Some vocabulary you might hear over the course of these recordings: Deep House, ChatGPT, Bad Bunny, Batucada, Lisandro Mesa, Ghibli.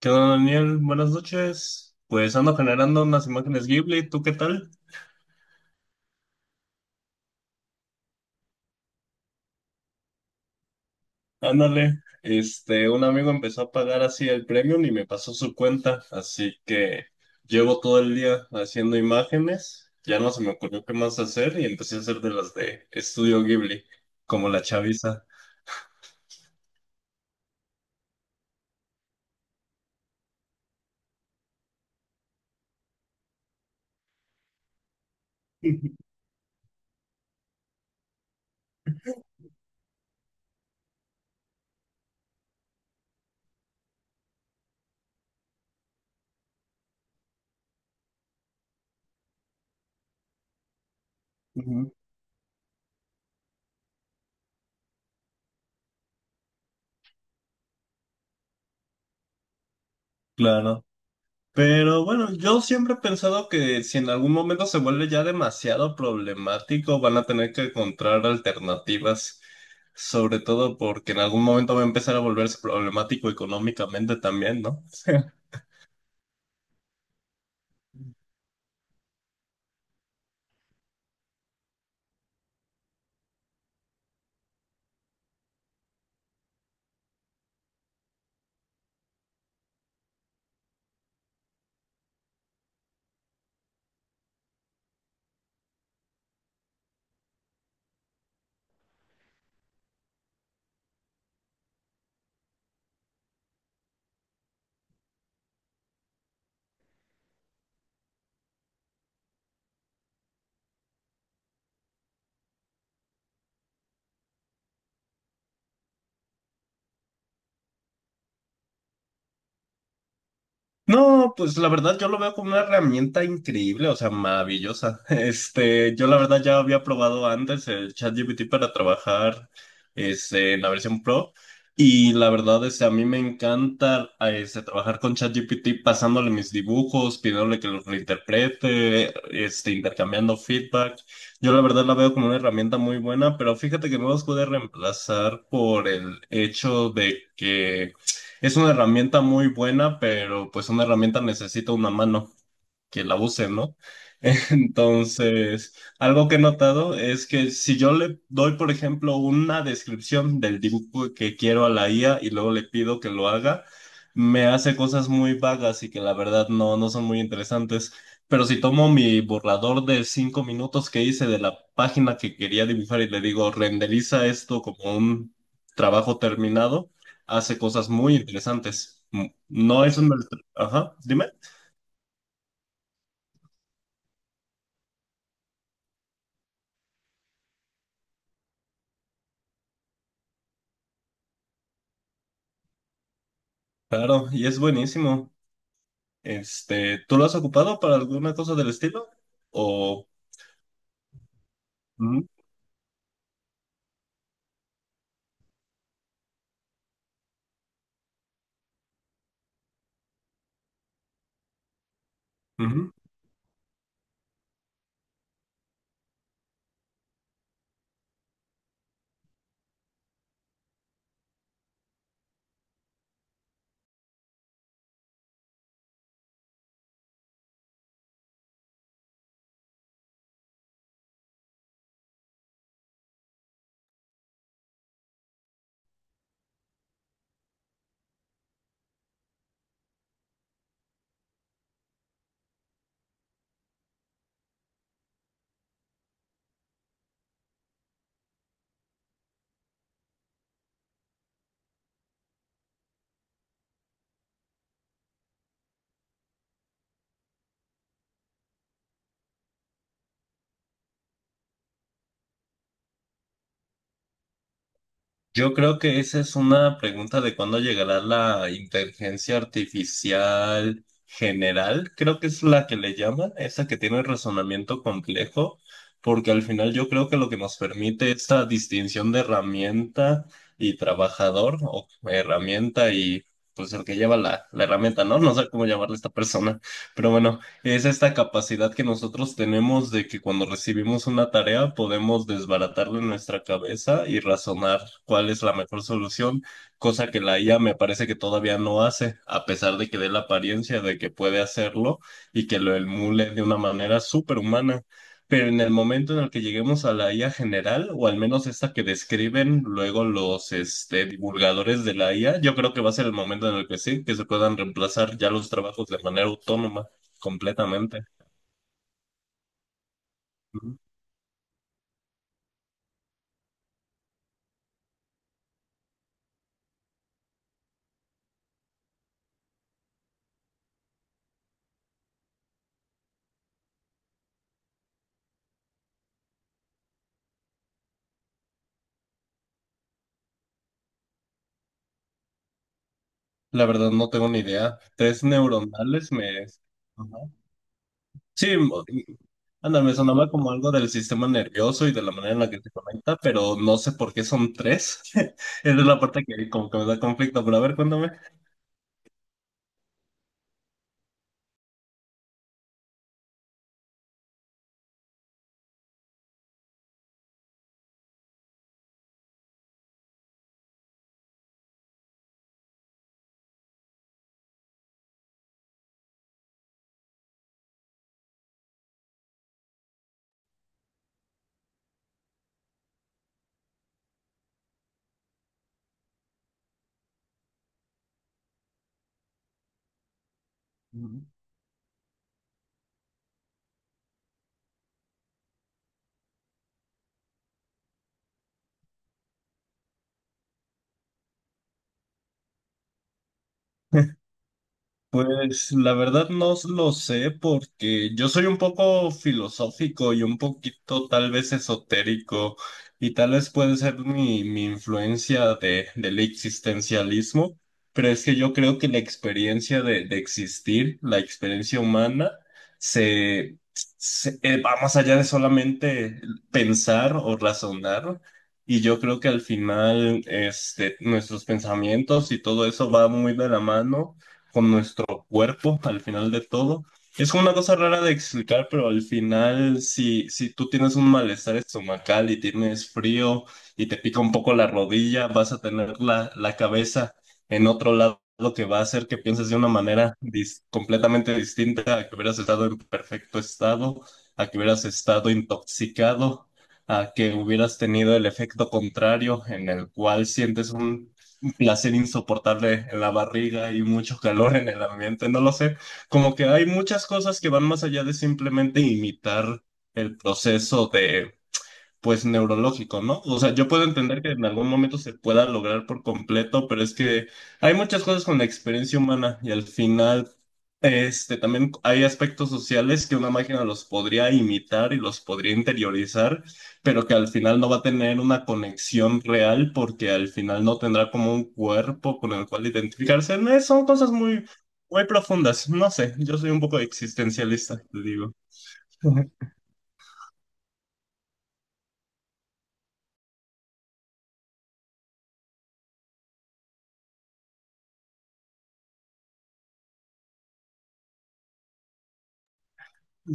¿Qué onda, Daniel? Buenas noches. Pues ando generando unas imágenes Ghibli, ¿tú qué tal? Ándale. Un amigo empezó a pagar así el premium y me pasó su cuenta, así que llevo todo el día haciendo imágenes. Ya no se me ocurrió qué más hacer y empecé a hacer de las de Estudio Ghibli, como la chaviza. Ujú. Claro. Pero bueno, yo siempre he pensado que si en algún momento se vuelve ya demasiado problemático, van a tener que encontrar alternativas, sobre todo porque en algún momento va a empezar a volverse problemático económicamente también, ¿no? No, pues la verdad yo lo veo como una herramienta increíble, o sea, maravillosa. Yo la verdad ya había probado antes el ChatGPT para trabajar en la versión Pro, y la verdad es que a mí me encanta trabajar con ChatGPT pasándole mis dibujos, pidiéndole que los reinterprete, intercambiando feedback. Yo la verdad la veo como una herramienta muy buena, pero fíjate que no las pude reemplazar por el hecho de que es una herramienta muy buena, pero pues una herramienta necesita una mano que la usen, ¿no? Entonces, algo que he notado es que si yo le doy, por ejemplo, una descripción del dibujo que quiero a la IA y luego le pido que lo haga, me hace cosas muy vagas y que la verdad no, no son muy interesantes. Pero si tomo mi borrador de 5 minutos que hice de la página que quería dibujar y le digo, renderiza esto como un trabajo terminado, hace cosas muy interesantes. No es un... Ajá, dime. Claro, y es buenísimo. ¿Tú lo has ocupado para alguna cosa del estilo? O Ujú, ujú. Yo creo que esa es una pregunta de cuándo llegará la inteligencia artificial general. Creo que es la que le llaman, esa que tiene razonamiento complejo, porque al final yo creo que lo que nos permite esta distinción de herramienta y trabajador, o herramienta y pues el que lleva la herramienta, ¿no? No sé cómo llamarle a esta persona. Pero bueno, es esta capacidad que nosotros tenemos de que cuando recibimos una tarea podemos desbaratarla en nuestra cabeza y razonar cuál es la mejor solución, cosa que la IA me parece que todavía no hace, a pesar de que dé la apariencia de que puede hacerlo y que lo emule de una manera superhumana. Pero en el momento en el que lleguemos a la IA general, o al menos esta que describen luego los divulgadores de la IA, yo creo que va a ser el momento en el que sí, que se puedan reemplazar ya los trabajos de manera autónoma completamente. Ujú. La verdad no tengo ni idea. Tres neuronales me... Ajá. Sí, anda, me sonaba como algo del sistema nervioso y de la manera en la que se conecta, pero no sé por qué son tres. Esa es la parte que como que me da conflicto, pero a ver, cuéntame. Pues la verdad no lo sé porque yo soy un poco filosófico y un poquito tal vez esotérico, y tal vez puede ser mi influencia del existencialismo, pero es que yo creo que la experiencia de existir, la experiencia humana, se, va más allá de solamente pensar o razonar. Y yo creo que al final, nuestros pensamientos y todo eso va muy de la mano con nuestro mismo cuerpo al final de todo. Es una cosa rara de explicar, pero al final, si tú tienes un malestar estomacal y tienes frío y te pica un poco la rodilla, vas a tener la cabeza en otro lado, que va a hacer que pienses de una manera completamente distinta a que hubieras estado en perfecto estado, a que hubieras estado intoxicado, a que hubieras tenido el efecto contrario en el cual sientes un placer insoportable en la barriga y mucho calor en el ambiente, no lo sé. Como que hay muchas cosas que van más allá de simplemente imitar el proceso de pues neurológico, ¿no? O sea, yo puedo entender que en algún momento se pueda lograr por completo, pero es que hay muchas cosas con la experiencia humana y al final, también hay aspectos sociales que una máquina los podría imitar y los podría interiorizar, pero que al final no va a tener una conexión real porque al final no tendrá como un cuerpo con el cual identificarse. No, son cosas muy, muy profundas. No sé, yo soy un poco existencialista, te digo.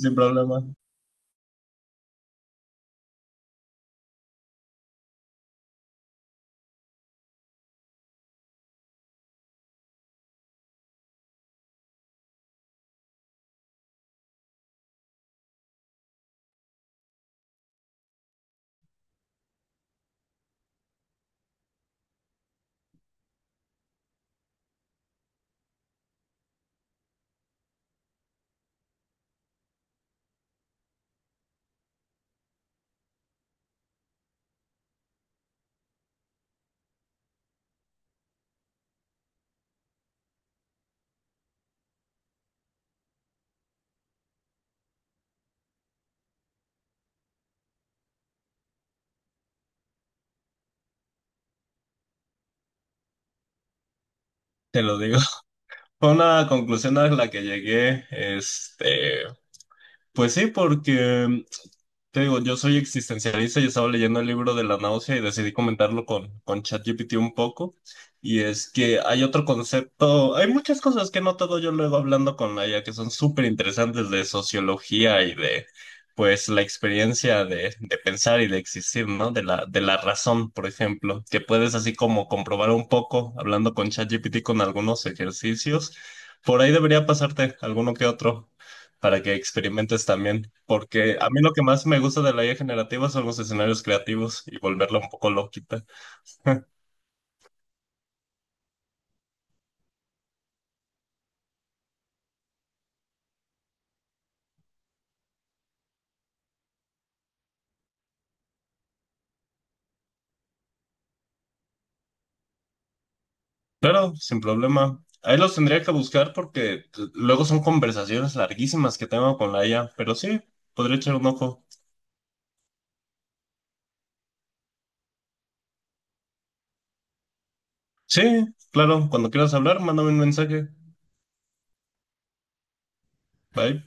Sin problema, te lo digo. Fue una conclusión a la que llegué, pues sí, porque te digo, yo soy existencialista y estaba leyendo el libro de la náusea y decidí comentarlo con ChatGPT un poco. Y es que hay otro concepto, hay muchas cosas que he notado yo luego hablando con la IA que son súper interesantes de sociología y de, pues, la experiencia de pensar y de existir, ¿no? De la razón, por ejemplo, que puedes así como comprobar un poco hablando con ChatGPT con algunos ejercicios. Por ahí debería pasarte alguno que otro para que experimentes también, porque a mí lo que más me gusta de la IA generativa son los escenarios creativos y volverla un poco loquita. Claro, sin problema. Ahí los tendría que buscar porque luego son conversaciones larguísimas que tengo con la IA, pero sí, podría echar un ojo. Sí, claro, cuando quieras hablar, mándame un mensaje. Bye.